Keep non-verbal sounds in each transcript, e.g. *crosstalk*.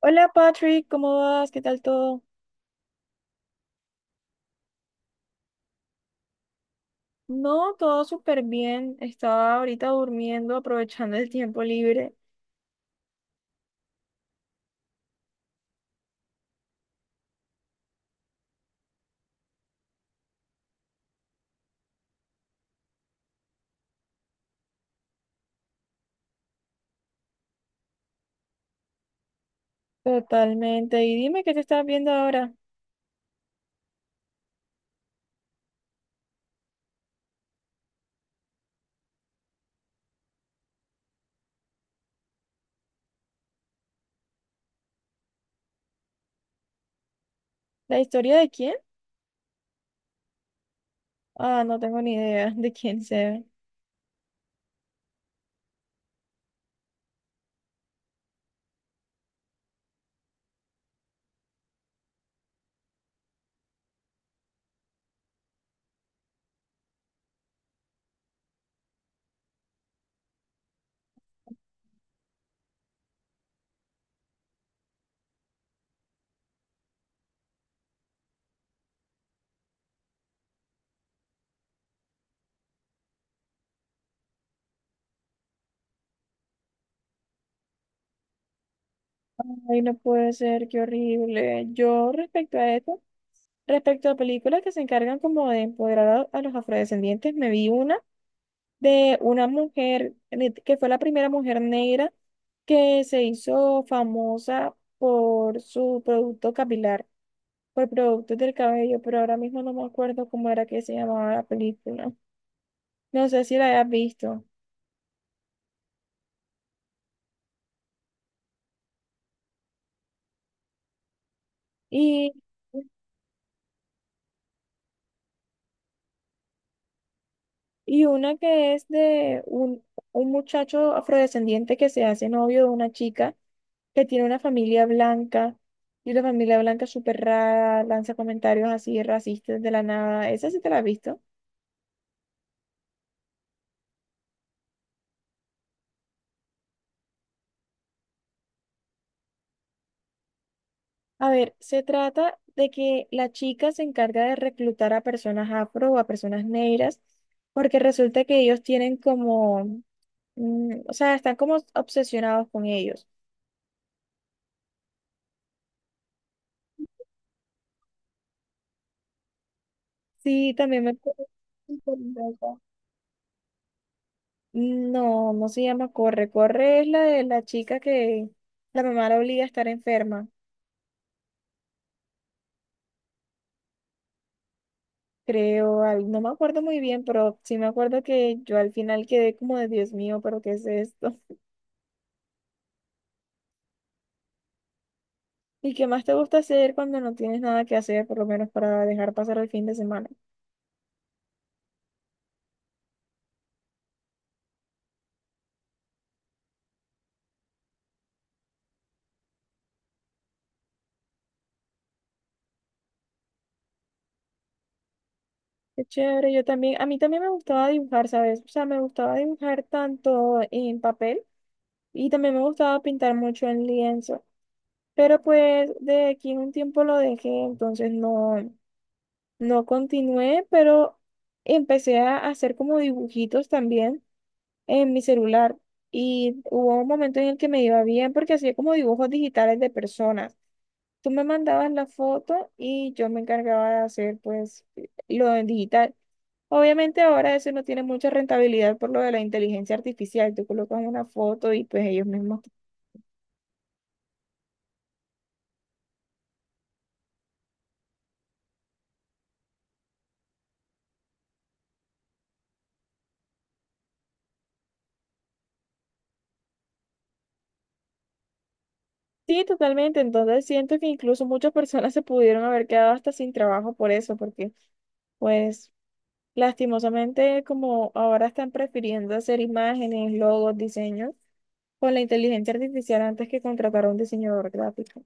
Hola Patrick, ¿cómo vas? ¿Qué tal todo? No, todo súper bien. Estaba ahorita durmiendo, aprovechando el tiempo libre. Totalmente. Y dime qué te estás viendo ahora. ¿La historia de quién? Ah, no tengo ni idea de quién sea. Ay, no puede ser, qué horrible. Yo respecto a esto, respecto a películas que se encargan como de empoderar a los afrodescendientes, me vi una de una mujer que fue la primera mujer negra que se hizo famosa por su producto capilar, por productos del cabello, pero ahora mismo no me acuerdo cómo era que se llamaba la película. No sé si la hayas visto. Y Y una que es de un muchacho afrodescendiente que se hace novio de una chica que tiene una familia blanca y la familia blanca es súper rara, lanza comentarios así racistas de la nada. Esa sí te la has visto. A ver, se trata de que la chica se encarga de reclutar a personas afro o a personas negras porque resulta que ellos tienen como, o sea, están como obsesionados con ellos. Sí, también me... No, no se llama Corre. Corre es la de la chica que la mamá la obliga a estar enferma, creo. No me acuerdo muy bien, pero sí me acuerdo que yo al final quedé como de Dios mío, pero ¿qué es esto? *laughs* ¿Y qué más te gusta hacer cuando no tienes nada que hacer, por lo menos para dejar pasar el fin de semana? Qué chévere, yo también, a mí también me gustaba dibujar, ¿sabes? O sea, me gustaba dibujar tanto en papel y también me gustaba pintar mucho en lienzo, pero pues de aquí en un tiempo lo dejé, entonces no. No continué, pero empecé a hacer como dibujitos también en mi celular. Y hubo un momento en el que me iba bien porque hacía como dibujos digitales de personas. Tú me mandabas la foto y yo me encargaba de hacer pues lo en digital. Obviamente ahora eso no tiene mucha rentabilidad por lo de la inteligencia artificial. Tú colocas una foto y pues ellos mismos. Sí, totalmente. Entonces siento que incluso muchas personas se pudieron haber quedado hasta sin trabajo por eso, porque pues lastimosamente como ahora están prefiriendo hacer imágenes, logos, diseños con la inteligencia artificial antes que contratar a un diseñador gráfico.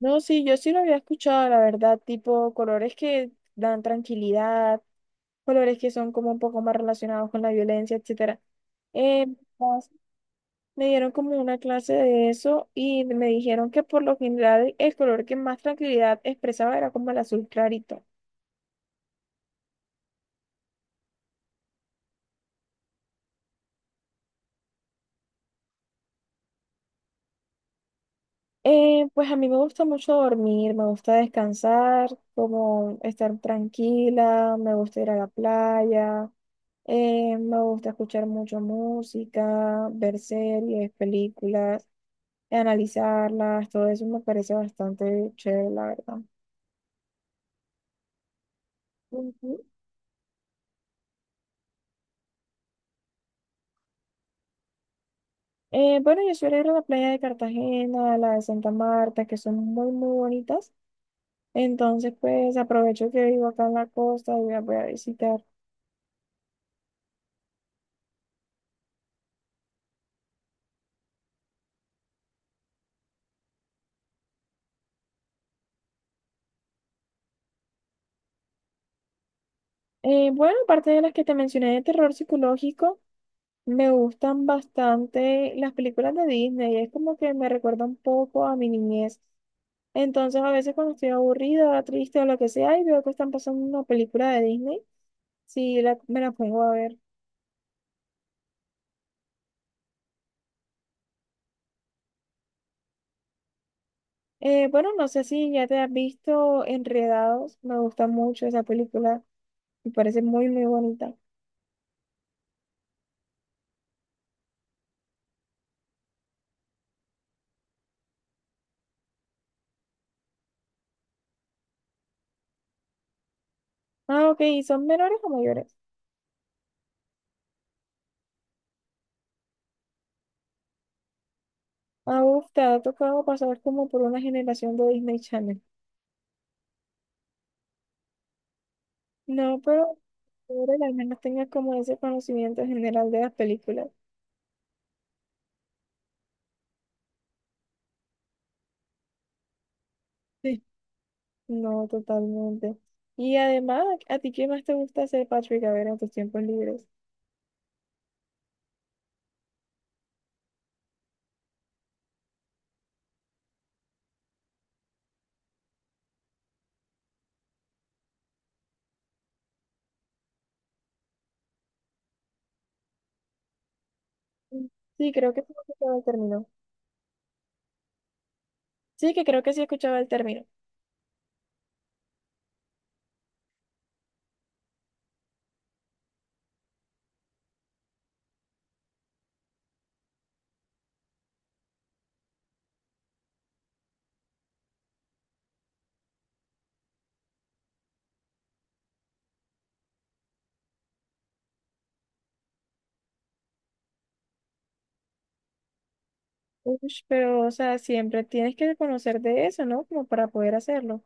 No, sí, yo sí lo había escuchado, la verdad, tipo colores que dan tranquilidad, colores que son como un poco más relacionados con la violencia, etcétera. Eh, Me dieron como una clase de eso y me dijeron que por lo general el color que más tranquilidad expresaba era como el azul clarito. Pues a mí me gusta mucho dormir, me gusta descansar, como estar tranquila, me gusta ir a la playa, me gusta escuchar mucho música, ver series, películas, analizarlas, todo eso me parece bastante chévere, la verdad. Ujú. Bueno, yo suelo ir a la playa de Cartagena, a la de Santa Marta, que son muy, muy bonitas. Entonces, pues aprovecho que vivo acá en la costa y voy voy a visitar. Bueno, aparte de las que te mencioné de terror psicológico, me gustan bastante las películas de Disney. Es como que me recuerda un poco a mi niñez. Entonces, a veces cuando estoy aburrida, triste o lo que sea, y veo que están pasando una película de Disney, sí, me la pongo a ver. Bueno, no sé si ya te has visto Enredados. Me gusta mucho esa película. Me parece muy, muy bonita. Ah, ok. ¿Y son menores o mayores? Ah, uf, te ha tocado pasar como por una generación de Disney Channel. No, pero ahora al menos tengas como ese conocimiento general de las películas. Sí. No, totalmente. Y además, ¿a ti qué más te gusta hacer, Patrick? A ver, en tus tiempos libres. Mm. Sí, creo que sí he el término. Sí, que creo que sí escuchaba el término. Ush, pero, o sea, siempre tienes que conocer de eso, ¿no? Como para poder hacerlo.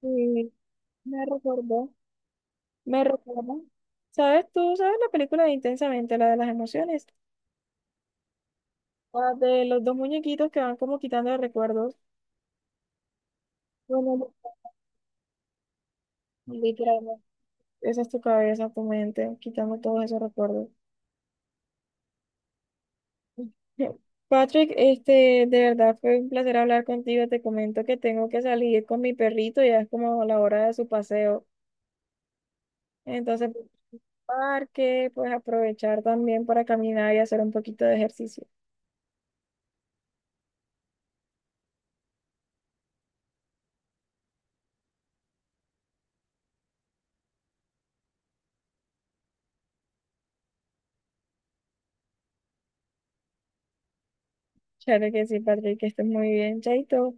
Sí, me recordó, me recordó. ¿Sabes tú, sabes la película de Intensamente, la de las emociones? La de los dos muñequitos que van como quitando recuerdos. Bueno, no, no, literalmente. Esa es tu cabeza, tu mente, quitando todos esos recuerdos. *laughs* Patrick, este, de verdad fue un placer hablar contigo. Te comento que tengo que salir con mi perrito, ya es como la hora de su paseo. Entonces, parque, pues aprovechar también para caminar y hacer un poquito de ejercicio. Claro que sí, Patrick, que estés muy bien, Chaito.